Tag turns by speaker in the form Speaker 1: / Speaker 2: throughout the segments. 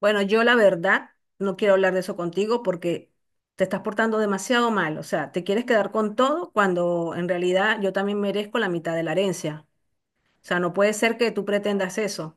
Speaker 1: Bueno, yo la verdad no quiero hablar de eso contigo porque te estás portando demasiado mal. O sea, te quieres quedar con todo cuando en realidad yo también merezco la mitad de la herencia. O sea, no puede ser que tú pretendas eso.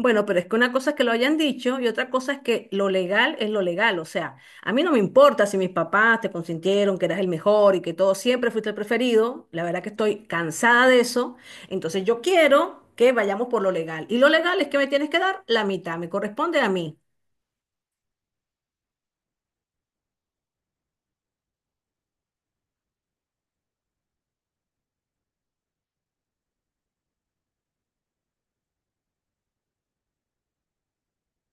Speaker 1: Bueno, pero es que una cosa es que lo hayan dicho y otra cosa es que lo legal es lo legal. O sea, a mí no me importa si mis papás te consintieron que eras el mejor y que todo siempre fuiste el preferido. La verdad que estoy cansada de eso. Entonces yo quiero que vayamos por lo legal. Y lo legal es que me tienes que dar la mitad, me corresponde a mí.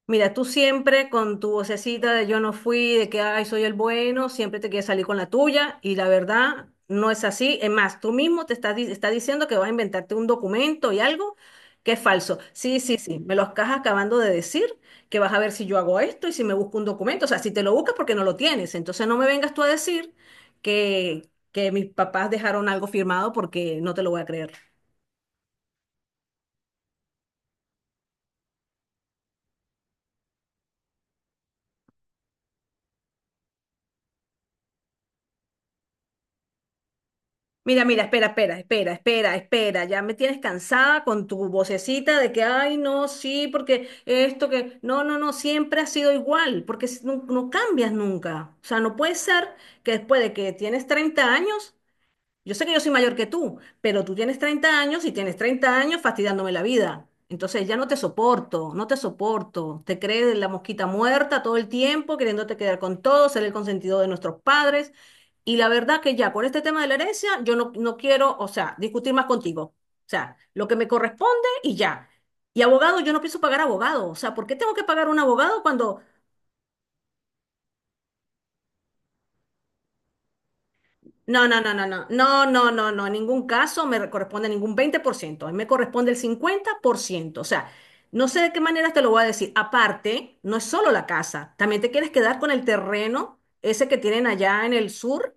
Speaker 1: Mira, tú siempre con tu vocecita de yo no fui, de que ay, soy el bueno, siempre te quieres salir con la tuya y la verdad no es así. Es más, tú mismo te estás, estás diciendo que vas a inventarte un documento y algo que es falso. Sí, sí, sí, me lo estás acabando de decir, que vas a ver si yo hago esto y si me busco un documento. O sea, si te lo buscas porque no lo tienes. Entonces no me vengas tú a decir que, que mis papás dejaron algo firmado porque no te lo voy a creer. Mira, mira, espera, espera, espera, espera, espera. Ya me tienes cansada con tu vocecita de que, ay, no, sí, porque esto que, no, no, no, siempre ha sido igual, porque no, no cambias nunca. O sea, no puede ser que después de que tienes 30 años, yo sé que yo soy mayor que tú, pero tú tienes 30 años y tienes 30 años fastidiándome la vida. Entonces ya no te soporto, no te soporto. Te crees la mosquita muerta todo el tiempo, queriéndote quedar con todo, ser el consentido de nuestros padres. Y la verdad que ya con este tema de la herencia, yo no, no quiero, o sea, discutir más contigo. O sea, lo que me corresponde y ya. Y abogado, yo no pienso pagar abogado. O sea, ¿por qué tengo que pagar un abogado cuando no, no, no, no, no, no, no, no, no, en ningún caso me corresponde ningún 20%? A mí me corresponde el 50%. O sea, no sé de qué manera te lo voy a decir, aparte, no es solo la casa, también te quieres quedar con el terreno, ese que tienen allá en el sur,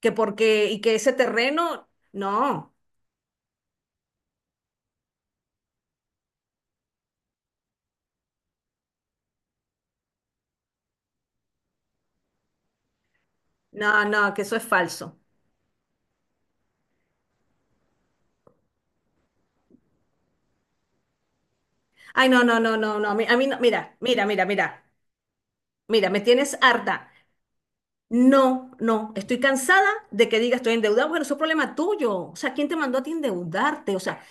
Speaker 1: que porque, y que ese terreno, no, no, no, que eso es falso. Ay, no, no, no, no, no, a mí no, mira, mira, mira, mira, mira, me tienes harta. No, no, estoy cansada de que digas estoy endeudada. Bueno, eso es problema tuyo. O sea, ¿quién te mandó a ti endeudarte? O sea,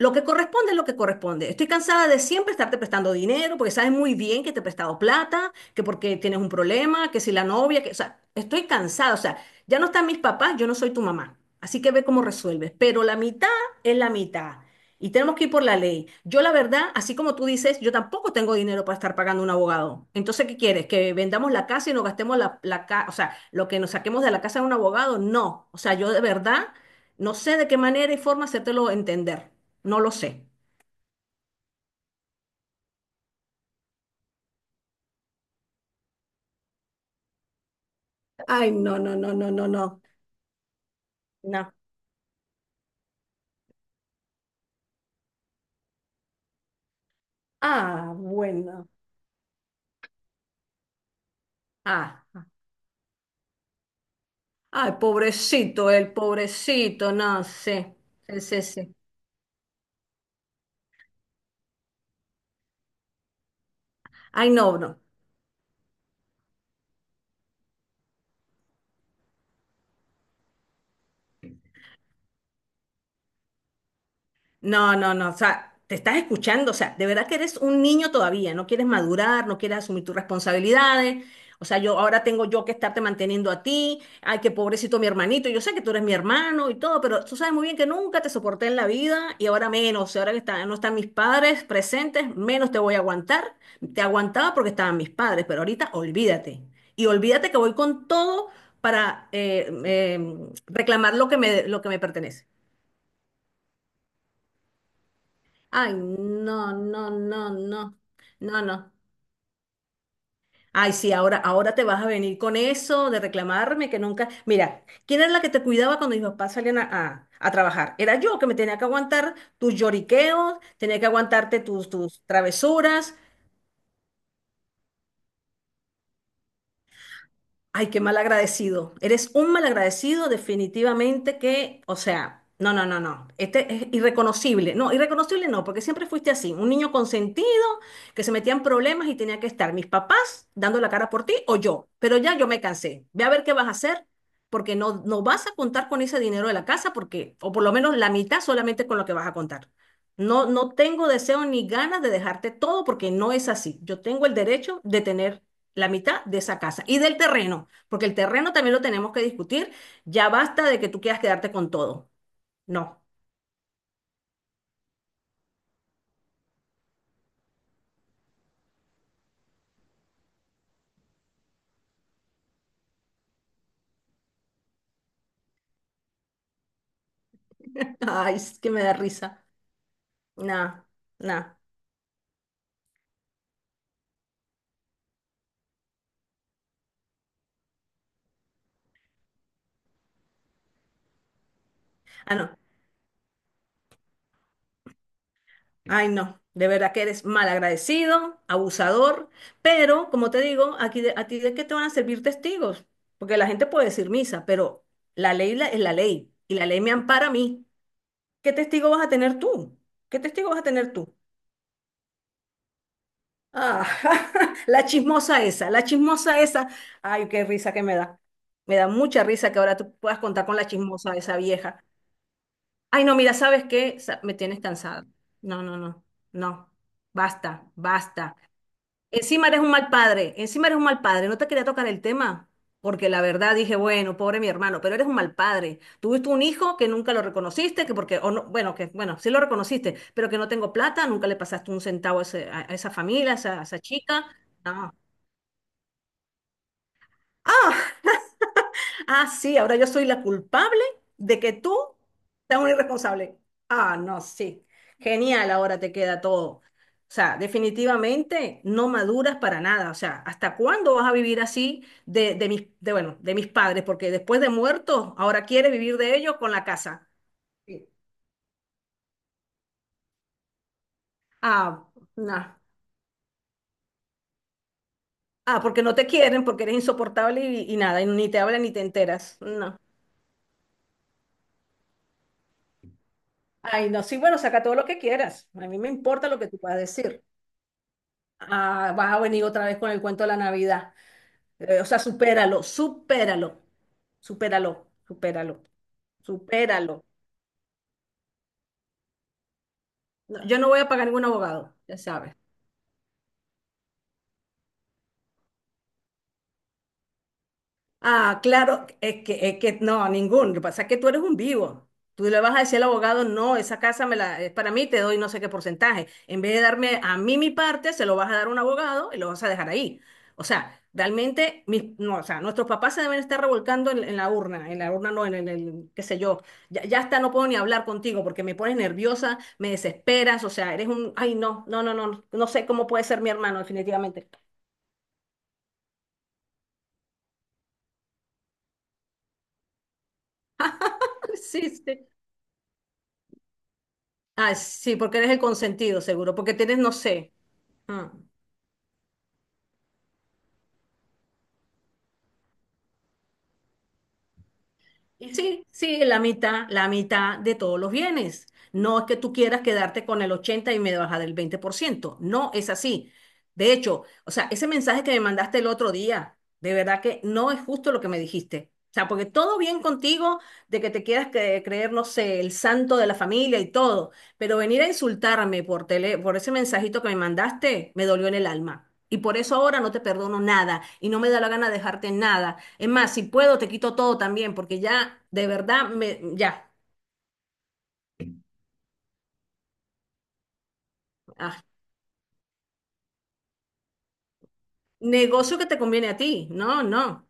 Speaker 1: lo que corresponde es lo que corresponde. Estoy cansada de siempre estarte prestando dinero porque sabes muy bien que te he prestado plata, que porque tienes un problema, que si la novia, que, o sea, estoy cansada. O sea, ya no están mis papás, yo no soy tu mamá. Así que ve cómo resuelves. Pero la mitad es la mitad. Y tenemos que ir por la ley. Yo, la verdad, así como tú dices, yo tampoco tengo dinero para estar pagando un abogado. Entonces, ¿qué quieres? ¿Que vendamos la casa y nos gastemos la casa? O sea, lo que nos saquemos de la casa de un abogado, no. O sea, yo de verdad no sé de qué manera y forma hacértelo entender. No lo sé. Ay, no, no, no, no, no, no. No. Ah, bueno. Ah. Ay, pobrecito, el pobrecito, no sé. Sí, sí, sí. Ay, no, no. No, no, no, o sea, te estás escuchando, o sea, de verdad que eres un niño todavía, no quieres madurar, no quieres asumir tus responsabilidades, o sea, yo ahora tengo yo que estarte manteniendo a ti, ay, qué pobrecito mi hermanito, yo sé que tú eres mi hermano y todo, pero tú sabes muy bien que nunca te soporté en la vida y ahora menos, y ahora que no están mis padres presentes, menos te voy a aguantar, te aguantaba porque estaban mis padres, pero ahorita olvídate, y olvídate que voy con todo para reclamar lo que me pertenece. Ay, no, no, no, no, no, no. Ay, sí, ahora, ahora te vas a venir con eso de reclamarme que nunca. Mira, ¿quién era la que te cuidaba cuando mis papás salían a trabajar? Era yo que me tenía que aguantar tus lloriqueos, tenía que aguantarte tus, tus travesuras. Ay, qué mal agradecido. Eres un mal agradecido, definitivamente que, o sea, no, no, no, no. Este es irreconocible. No, irreconocible no, porque siempre fuiste así, un niño consentido que se metía en problemas y tenía que estar mis papás dando la cara por ti o yo. Pero ya yo me cansé. Ve a ver qué vas a hacer, porque no, no vas a contar con ese dinero de la casa, porque, o por lo menos la mitad solamente con lo que vas a contar. No, no tengo deseo ni ganas de dejarte todo porque no es así. Yo tengo el derecho de tener la mitad de esa casa y del terreno, porque el terreno también lo tenemos que discutir. Ya basta de que tú quieras quedarte con todo. No. Ay, es que me da risa. Nah, nah. Ah, no. Ay, no. De verdad que eres mal agradecido, abusador, pero como te digo, aquí a ti de qué te van a servir testigos, porque la gente puede decir misa, pero la ley es la ley y la ley me ampara a mí. ¿Qué testigo vas a tener tú? ¿Qué testigo vas a tener tú? Ah, la chismosa esa, la chismosa esa. Ay, qué risa que me da. Me da mucha risa que ahora tú puedas contar con la chismosa esa vieja. Ay, no, mira, ¿sabes qué? Me tienes cansada. No, no, no, no. Basta, basta. Encima eres un mal padre, encima eres un mal padre. No te quería tocar el tema, porque la verdad dije, bueno, pobre mi hermano, pero eres un mal padre. Tuviste un hijo que nunca lo reconociste, que porque, o no, bueno, que bueno, sí lo reconociste, pero que no tengo plata, nunca le pasaste un centavo a, a esa familia, a esa chica. No. Ah. Ah, sí, ahora yo soy la culpable de que tú seas un irresponsable. Ah, no, sí. Genial, ahora te queda todo. O sea, definitivamente no maduras para nada. O sea, ¿hasta cuándo vas a vivir así de mis, de, bueno, de mis padres? Porque después de muertos, ahora quieres vivir de ellos con la casa. Sí. Ah, no. Ah, porque no te quieren, porque eres insoportable y nada, y ni te hablan ni te enteras. No. Ay, no, sí, bueno, saca todo lo que quieras. A mí me importa lo que tú puedas decir. Ah, vas a venir otra vez con el cuento de la Navidad. O sea, supéralo, supéralo, supéralo, supéralo, supéralo. No, yo no voy a pagar ningún abogado, ya sabes. Ah, claro, es que no, ningún. Lo que pasa es que tú eres un vivo. Tú le vas a decir al abogado, no, esa casa me la, es para mí, te doy no sé qué porcentaje. En vez de darme a mí mi parte, se lo vas a dar a un abogado y lo vas a dejar ahí. O sea, realmente, mis, no, o sea, nuestros papás se deben estar revolcando en la urna no, en el, qué sé yo. Ya, ya hasta no puedo ni hablar contigo porque me pones nerviosa, me desesperas, o sea, eres un, ay, no, no, no, no, no sé cómo puede ser mi hermano, definitivamente. Sí, sí. Ah, sí, porque eres el consentido, seguro, porque tienes, no sé. Ah. Y sí, sí, la mitad de todos los bienes. No es que tú quieras quedarte con el 80 y me baja del 20%. No es así. De hecho, o sea, ese mensaje que me mandaste el otro día, de verdad que no es justo lo que me dijiste. O sea, porque todo bien contigo de que te quieras creer, no sé, el santo de la familia y todo, pero venir a insultarme por tele, por ese mensajito que me mandaste, me dolió en el alma. Y por eso ahora no te perdono nada y no me da la gana de dejarte nada. Es más, si puedo, te quito todo también, porque ya, de verdad, me, ya. Ah, negocio que te conviene a ti. No, no.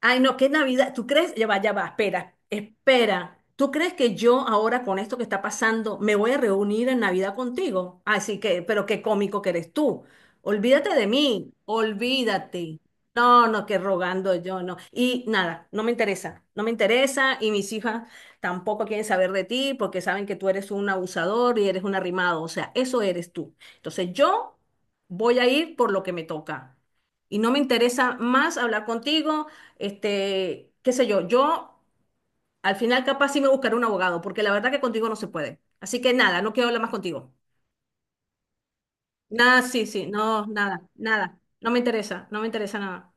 Speaker 1: Ay, no, qué Navidad. ¿Tú crees? Ya va, espera, espera. ¿Tú crees que yo ahora con esto que está pasando me voy a reunir en Navidad contigo? Así que, pero qué cómico que eres tú. Olvídate de mí, olvídate. No, no, que rogando yo, no. Y nada, no me interesa, no me interesa y mis hijas tampoco quieren saber de ti porque saben que tú eres un abusador y eres un arrimado, o sea, eso eres tú. Entonces yo voy a ir por lo que me toca. Y no me interesa más hablar contigo. Este, qué sé yo, yo al final capaz sí me buscaré un abogado, porque la verdad que contigo no se puede. Así que nada, no quiero hablar más contigo. Nada, sí, sí, no, nada, nada. No me interesa, no me interesa nada.